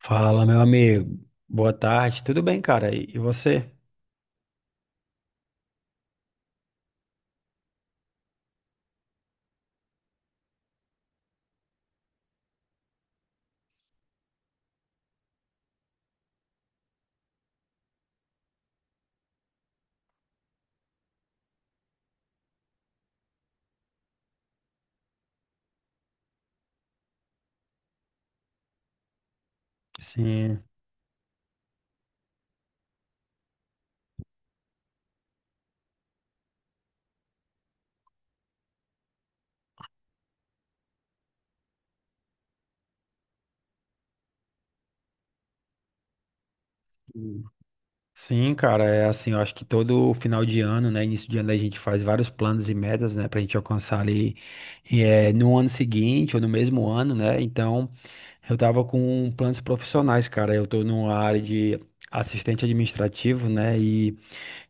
Fala, meu amigo. Boa tarde. Tudo bem, cara? E você? Sim. Sim, cara, é assim, eu acho que todo final de ano, né, início de ano a gente faz vários planos e metas, né, pra gente alcançar ali no ano seguinte ou no mesmo ano, né? Então, eu tava com planos profissionais, cara. Eu tô numa área de assistente administrativo, né? E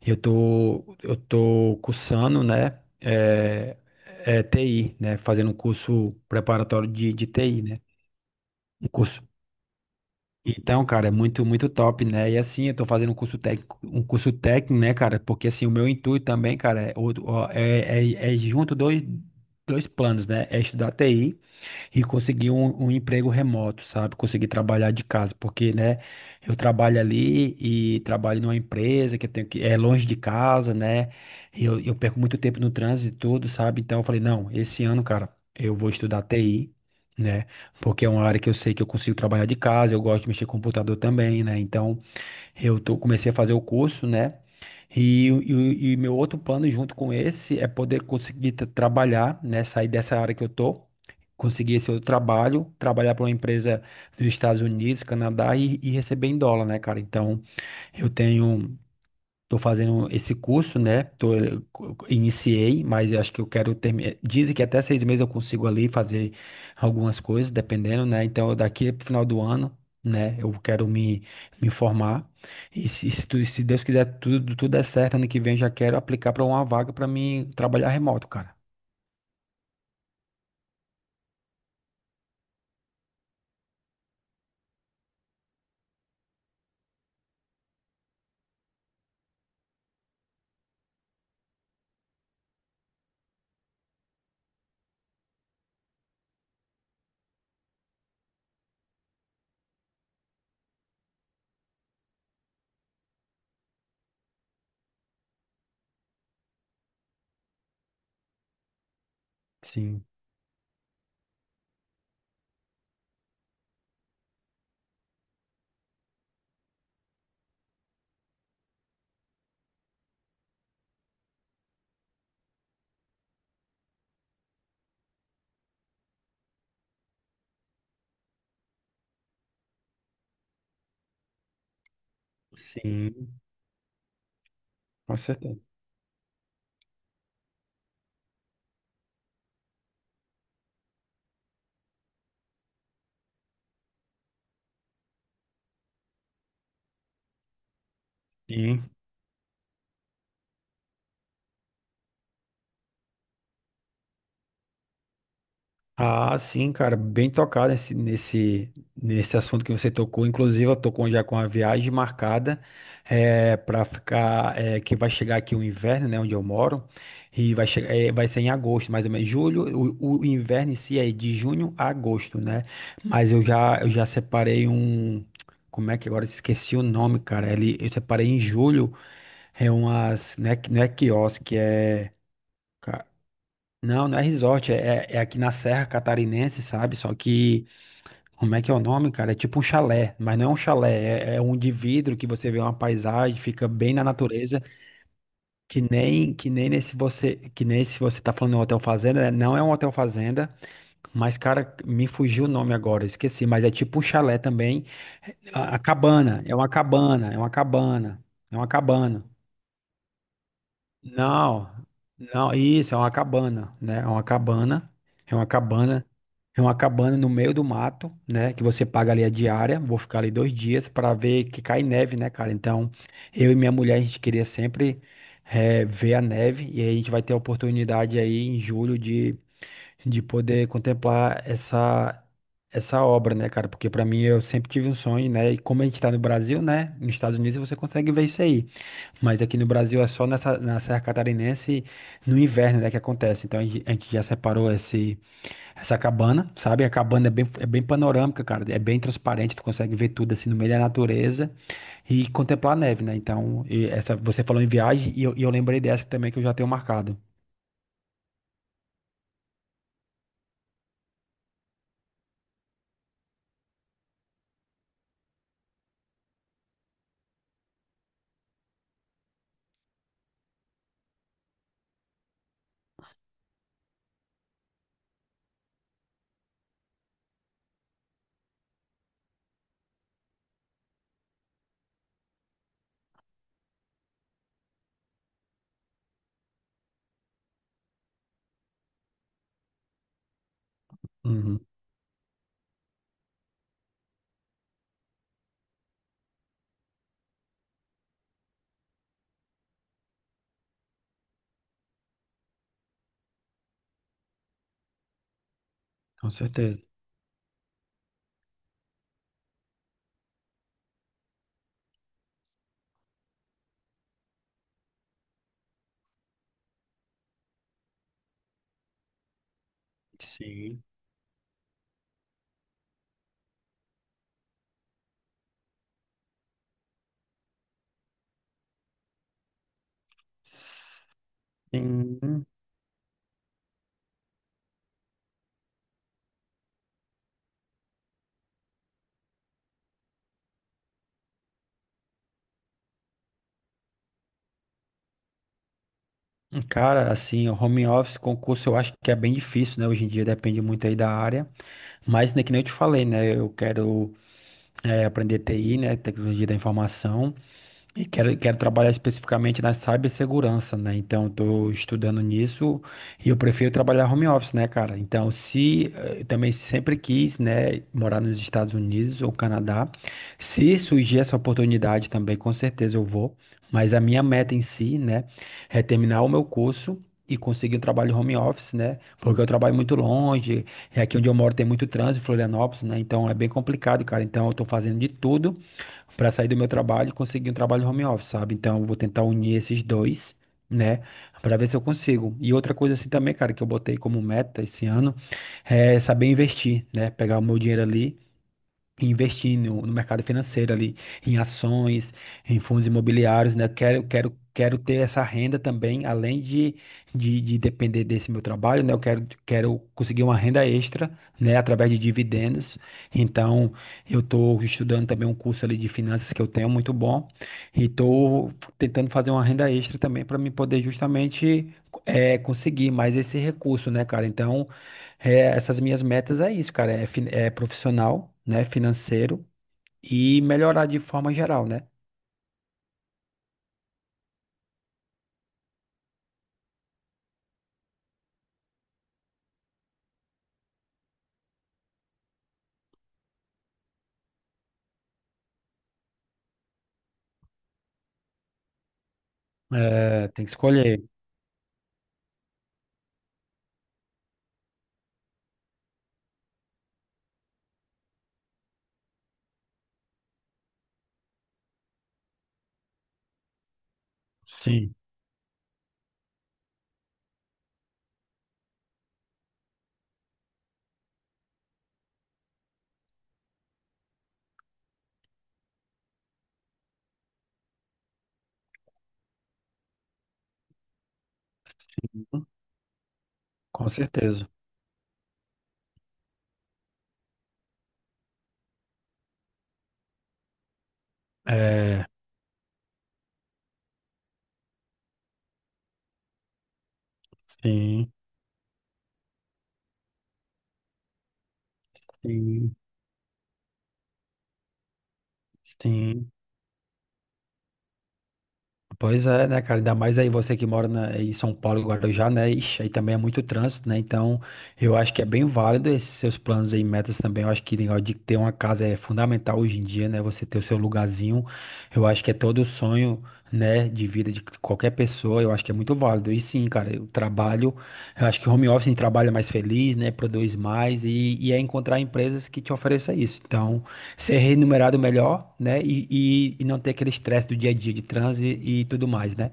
eu tô cursando, né, TI, né, fazendo um curso preparatório de TI, né? Um curso. Então, cara, é muito, muito top, né? E assim, eu tô fazendo um curso técnico, né, cara? Porque assim, o meu intuito também, cara, é, é junto dois planos, né? É estudar TI e consegui um emprego remoto, sabe? Consegui trabalhar de casa, porque, né, eu trabalho ali e trabalho numa empresa que eu tenho que é longe de casa, né? E eu perco muito tempo no trânsito e tudo, sabe? Então eu falei, não, esse ano, cara, eu vou estudar TI. Né? Porque é uma área que eu sei que eu consigo trabalhar de casa, eu gosto de mexer com computador também, né? Então, eu tô, comecei a fazer o curso, né? E, o- e, e meu outro plano junto com esse é poder conseguir trabalhar, né? Sair dessa área que eu tô, conseguir esse outro trabalho, trabalhar para uma empresa dos Estados Unidos, Canadá e receber em dólar, né, cara? Então, eu tenho. Tô fazendo esse curso, né? Iniciei, mas eu acho que eu quero terminar. Dizem que até 6 meses eu consigo ali fazer algumas coisas, dependendo, né? Então, daqui pro final do ano, né? Eu quero me formar. E se Deus quiser, tudo der certo, ano que vem eu já quero aplicar para uma vaga para mim trabalhar remoto, cara. Sim, sim, com certeza. Sim. Ah, sim, cara, bem tocado nesse assunto que você tocou. Inclusive, eu tô com, já com a viagem marcada é, para ficar, é, que vai chegar aqui o inverno, né, onde eu moro, e vai chegar, é, vai ser em agosto, mais ou menos. Julho, o inverno em si é de junho a agosto, né? Mas eu já separei um, como é que agora eu esqueci o nome, cara? Ele, eu separei em julho, é umas, não é, não é quiosque, é. Não, não é resort, é, é aqui na Serra Catarinense, sabe? Só que, como é que é o nome, cara? É tipo um chalé, mas não é um chalé, é, é um de vidro que você vê uma paisagem, fica bem na natureza, que nem nesse você, que nem se você tá falando um hotel fazenda, né? Não é um hotel fazenda, mas, cara, me fugiu o nome agora, esqueci, mas é tipo um chalé também. A cabana, é uma cabana, é uma cabana, é uma cabana. Não, não, isso é uma cabana, né? É uma cabana, é uma cabana no meio do mato, né? Que você paga ali a diária. Vou ficar ali 2 dias para ver que cai neve, né, cara? Então, eu e minha mulher a gente queria sempre ver a neve e aí a gente vai ter a oportunidade aí em julho de poder contemplar essa obra, né, cara? Porque pra mim eu sempre tive um sonho, né? E como a gente tá no Brasil, né? Nos Estados Unidos você consegue ver isso aí. Mas aqui no Brasil é só nessa na Serra Catarinense no inverno, né, que acontece. Então a gente já separou esse essa cabana, sabe? A cabana é bem panorâmica, cara. É bem transparente, tu consegue ver tudo assim no meio da natureza e contemplar a neve, né? Então, e essa você falou em viagem e eu lembrei dessa também que eu já tenho marcado. Uhum, com certeza. Sim. Sim. Cara, assim, o home office, concurso, eu acho que é bem difícil, né? Hoje em dia depende muito aí da área. Mas, né, que nem eu te falei, né? Eu quero aprender TI, né? Tecnologia da informação. E quero trabalhar especificamente na cibersegurança, né? Então, estou estudando nisso e eu prefiro trabalhar home office, né, cara? Então, se eh, eu também sempre quis, né, morar nos Estados Unidos ou Canadá, se surgir essa oportunidade também, com certeza eu vou. Mas a minha meta em si, né, é terminar o meu curso e conseguir um trabalho home office, né? Porque eu trabalho muito longe, e aqui onde eu moro tem muito trânsito, em Florianópolis, né? Então, é bem complicado, cara. Então, eu estou fazendo de tudo para sair do meu trabalho e conseguir um trabalho home office, sabe? Então, eu vou tentar unir esses dois, né? Para ver se eu consigo. E outra coisa assim também, cara, que eu botei como meta esse ano é saber investir, né? Pegar o meu dinheiro ali e investir no mercado financeiro ali, em ações, em fundos imobiliários, né? Quero ter essa renda também, além de depender desse meu trabalho, né? Eu quero conseguir uma renda extra, né? Através de dividendos. Então, eu estou estudando também um curso ali de finanças que eu tenho muito bom e estou tentando fazer uma renda extra também para me poder justamente é, conseguir mais esse recurso, né, cara? Então, é, essas minhas metas é isso, cara. É, é profissional, né? Financeiro e melhorar de forma geral, né? É, tem que escolher. Sim, sim, com certeza. É, sim, sim, sim. Pois é, né, cara? Ainda mais aí você que mora em São Paulo, Guarujá, né? Ixi, aí também é muito trânsito, né? Então, eu acho que é bem válido esses seus planos aí, metas também. Eu acho que o negócio de ter uma casa é fundamental hoje em dia, né? Você ter o seu lugarzinho. Eu acho que é todo o sonho, né, de vida de qualquer pessoa. Eu acho que é muito válido. E sim, cara, eu trabalho. Eu acho que home office trabalha mais feliz, né? Produz mais e é encontrar empresas que te ofereçam isso. Então ser remunerado melhor, né? E não ter aquele estresse do dia a dia de transe e tudo mais, né?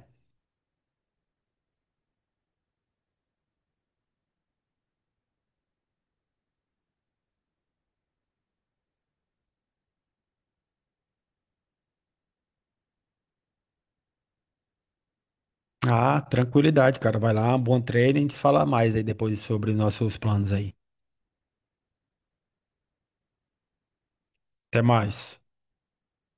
Ah, tranquilidade, cara. Vai lá, bom treino e a gente fala mais aí depois sobre os nossos planos aí. Até mais.